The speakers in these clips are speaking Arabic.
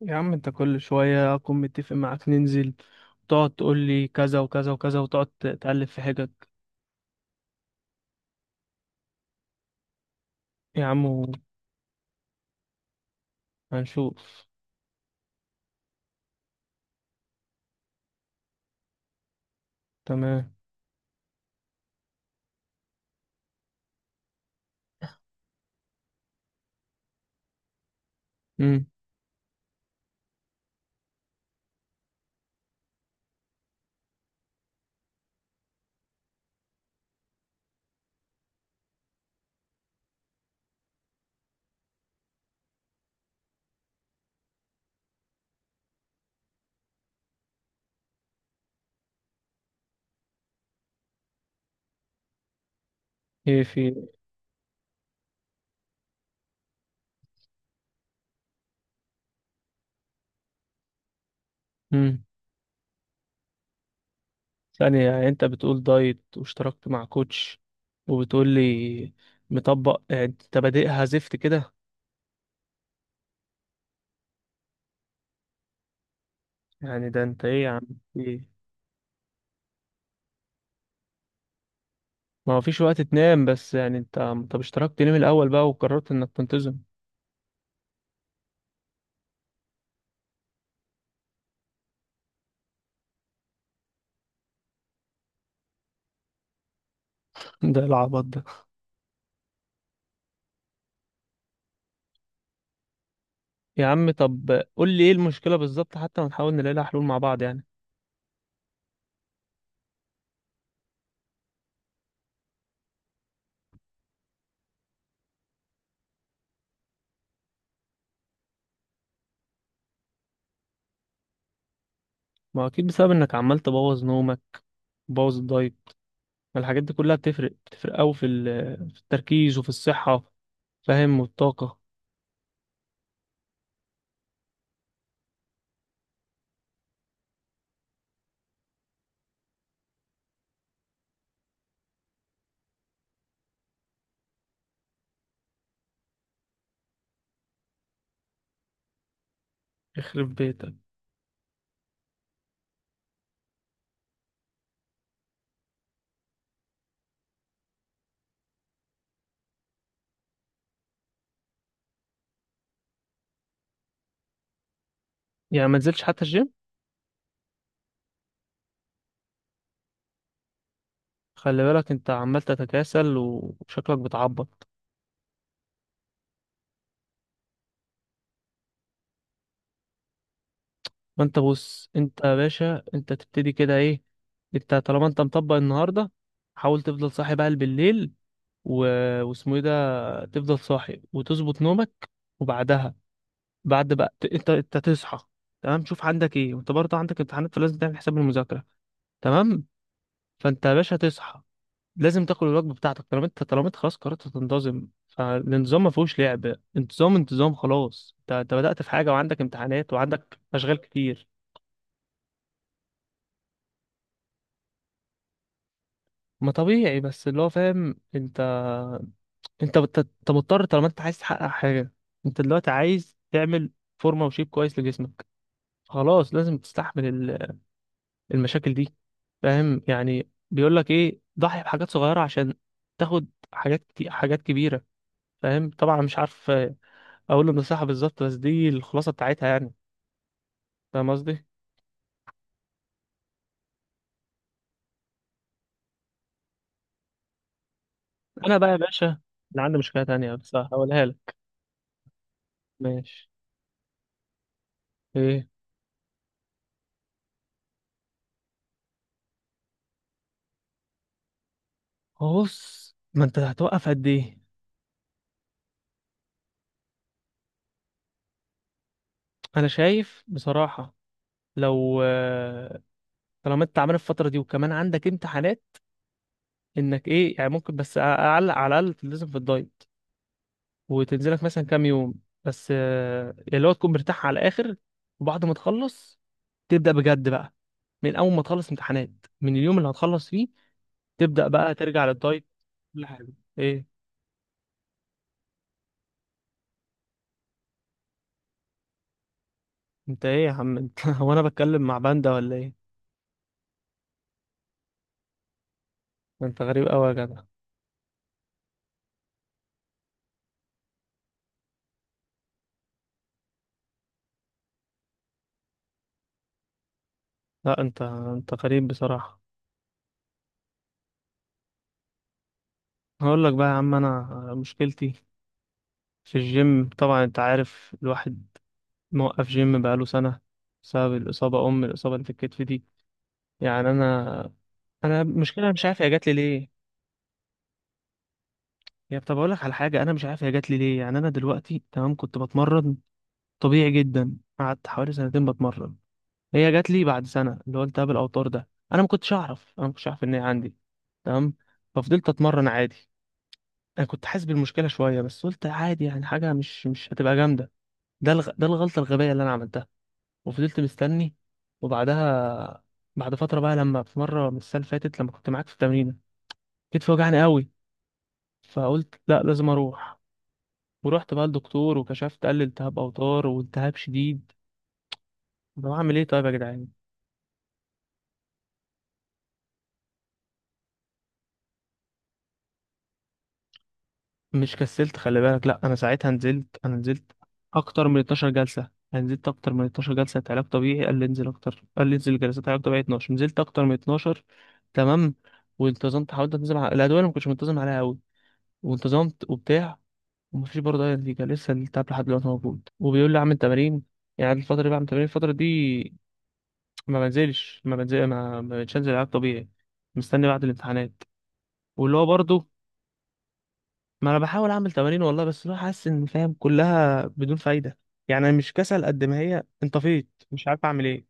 يا عم، انت كل شوية اكون متفق معاك ننزل، تقعد تقول لي كذا وكذا وكذا وتقعد تقلب في حجج. يا عم، هنشوف. تمام. امم. ايه في. امم. ثانية، يعني انت بتقول دايت واشتركت مع كوتش، وبتقول لي مطبق؟ يعني انت بادئها زفت كده؟ يعني ده انت ايه يا عم؟ ايه؟ ما هو فيش وقت تنام، بس يعني انت، طب اشتركت ليه من الاول بقى وقررت انك تنتظم؟ ده العبط ده. يا عم، طب قول لي ايه المشكلة بالظبط، حتى ونحاول نلاقي لها حلول مع بعض يعني. ما اكيد بسبب انك عمال تبوظ نومك، بوظ الدايت. ما الحاجات دي كلها بتفرق، بتفرق قوي في في التركيز وفي الصحة، فاهم، والطاقة. يخرب بيتك. يعني ما نزلتش حتى الجيم؟ خلي بالك، انت عمال تتكاسل وشكلك بتعبط. فانت بص، انت يا باشا، انت تبتدي كده ايه؟ انت طالما انت مطبق النهاردة، حاول تفضل صاحي بقى بالليل، و... واسمه ايه ده، تفضل صاحي وتظبط نومك، وبعدها بعد بقى انت تصحى، تمام، شوف عندك ايه، وانت برضه عندك امتحانات فلازم تعمل حساب المذاكره. تمام. فانت يا باشا تصحى، لازم تاكل الوجبه بتاعتك، طالما انت خلاص قررت تنتظم، فالانتظام ما فيهوش لعب، انتظام انتظام خلاص، انت بدأت في حاجه وعندك امتحانات وعندك اشغال كتير. ما طبيعي، بس اللي هو فاهم، انت انت مضطر طالما انت عايز تحقق حاجه. انت دلوقتي عايز تعمل فورمه وشيب كويس لجسمك، خلاص لازم تستحمل المشاكل دي، فاهم. يعني بيقول لك ايه، ضحي بحاجات صغيره عشان تاخد حاجات كتير، حاجات كبيره، فاهم. طبعا مش عارف اقول النصيحه بالظبط، بس دي الخلاصه بتاعتها يعني. فاهم قصدي. انا بقى يا باشا، اللي عندي مشكله تانية بس هقولها لك. ماشي. ايه؟ هو بص، ما انت هتوقف قد ايه؟ انا شايف بصراحه، لو طالما انت عامل الفتره دي وكمان عندك امتحانات، انك ايه يعني ممكن، بس اعلق على الاقل تلتزم في الدايت، وتنزلك مثلا كام يوم. بس اللي هو تكون مرتاح على الاخر، وبعد ما تخلص تبدأ بجد بقى، من اول ما تخلص امتحانات، من اليوم اللي هتخلص فيه تبدأ بقى ترجع للدايت. كل حاجة. ايه؟ انت ايه يا عم انت؟ هو انا بتكلم مع باندا ولا ايه؟ ده انت غريب قوي يا جدع. لا، انت غريب بصراحة. هقول لك بقى يا عم، انا مشكلتي في الجيم طبعا. انت عارف الواحد موقف جيم بقاله سنة بسبب الإصابة، أم الإصابة اللي في الكتف دي. يعني انا المشكله مش عارف هي جات لي ليه. يا، طب اقول لك على حاجه، انا مش عارف هي جات لي ليه. يعني انا دلوقتي تمام كنت بتمرن طبيعي جدا، قعدت حوالي سنتين بتمرن. هي جات لي بعد سنه، اللي هو التهاب الاوتار ده. انا ما كنتش اعرف ان هي عندي. تمام. ففضلت اتمرن عادي. انا كنت حاسس بالمشكله شويه، بس قلت عادي يعني، حاجه مش هتبقى جامده. ده الغلطه الغبيه اللي انا عملتها. وفضلت مستني، وبعدها بعد فتره بقى، لما في مره من السنه اللي فاتت، لما كنت معاك في التمرين، كتفي وجعني قوي. فقلت لا، لازم اروح. ورحت بقى للدكتور وكشفت، قال لي التهاب اوتار والتهاب شديد. طب اعمل ايه طيب يا جدعان؟ مش كسلت، خلي بالك، لا انا ساعتها نزلت، انا نزلت اكتر من 12 جلسه. انا نزلت اكتر من 12 جلسه بتاع علاج طبيعي، قال لي انزل اكتر، قال لي انزل جلسات علاج طبيعي 12، نزلت اكتر من 12. تمام. وانتظمت، حاولت انتظم على الادويه اللي ما كنتش منتظم عليها قوي، وانتظمت وبتاع. ومفيش برضه اي نتيجه، لسه التعب لحد دلوقتي موجود، وبيقول لي اعمل تمارين. يعني الفتره دي بعمل تمارين، الفتره دي ما بنزلش ما بنزل ما ما بقتش انزل العاب طبيعي، مستني بعد الامتحانات. واللي هو برضه، ما انا بحاول اعمل تمارين والله، بس اللي هو حاسس ان، فاهم، كلها بدون فايده. يعني انا مش كسل قد ما هي انطفيت، مش عارف اعمل ايه.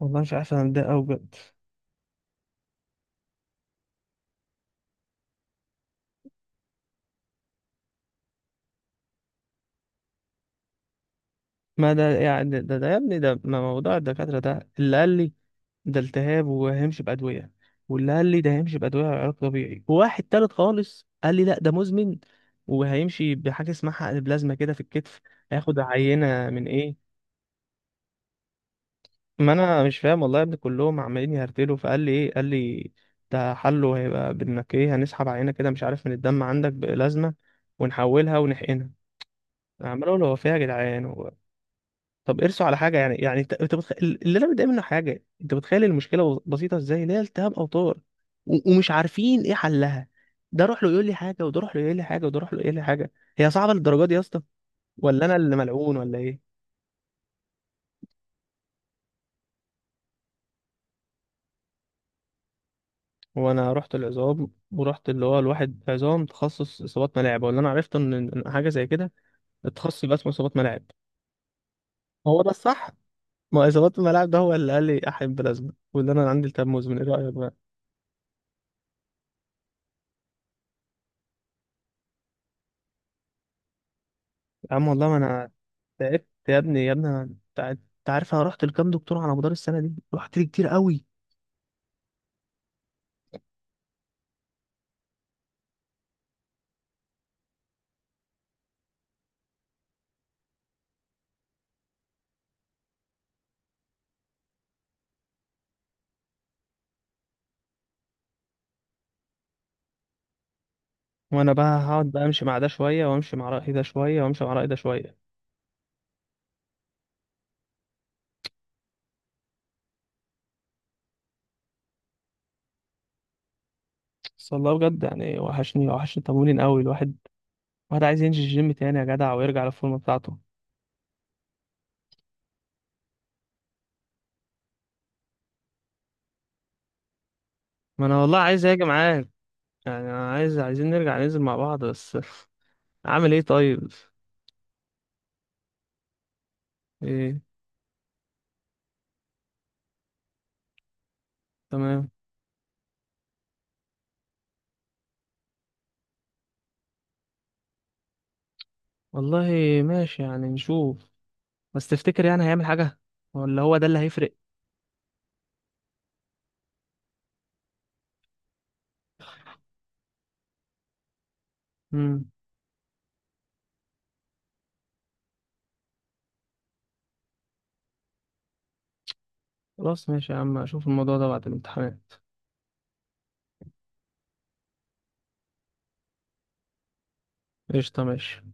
والله مش عارف، انا متضايق قوي بجد. ما ده يعني ده يا ابني، ده ما موضوع الدكاتره، ده اللي قال لي ده التهاب وهيمشي بادويه، واللي قال لي ده هيمشي بادويه وعلاج طبيعي، وواحد تالت خالص قال لي لا ده مزمن، وهيمشي بحاجه اسمها حقن بلازما كده في الكتف. هياخد عينه من ايه؟ ما انا مش فاهم والله يا ابني، كلهم عمالين يهرتلوا. فقال لي ايه قال لي، ده حله هيبقى بانك ايه، هنسحب عينه كده، مش عارف، من الدم عندك بلازمه، ونحولها ونحقنها. عمال اقول هو فيها يا جدعان، هو. طب ارسوا على حاجه يعني. انت اللي انا متضايق منه، حاجه انت متخيل المشكله بسيطه ازاي، اللي هي التهاب اوتار، ومش عارفين ايه حلها. ده روح له يقول لي حاجه، وده روح له يقول لي حاجه، وده روح له يقول لي حاجه. هي صعبه للدرجه دي يا اسطى؟ ولا انا اللي ملعون ولا ايه؟ وانا رحت العظام، ورحت اللي هو، الواحد عظام تخصص اصابات ملاعب، ولا انا عرفت ان حاجه زي كده. التخصص يبقى اسمه اصابات ملاعب. هو ده الصح. ما اصابات الملاعب ده هو اللي قال لي احب بلازما، واللي انا عندي التهاب مزمن، ايه رايك بقى؟ يا عم والله ما انا تعبت يا ابني. يا ابني انا انت عارف انا رحت لكام دكتور على مدار السنه دي، رحت لي كتير قوي. وانا بقى هقعد بقى امشي مع ده شويه، وامشي مع راي ده شويه، وامشي مع راي ده شويه؟ بس والله بجد يعني، وحشني وحشني التمرين قوي، الواحد. الواحد عايز ينزل الجيم تاني يا جدع، ويرجع للفورمه بتاعته. ما انا والله عايز اجي معاك. يعني انا عايزين نرجع ننزل مع بعض بس. اعمل ايه طيب؟ ايه؟ تمام. والله ماشي يعني، نشوف. بس تفتكر يعني هيعمل حاجة، ولا هو ده اللي هيفرق؟ امم. خلاص، ماشي يا عم، اشوف الموضوع ده بعد الامتحانات. قشطة ماشي.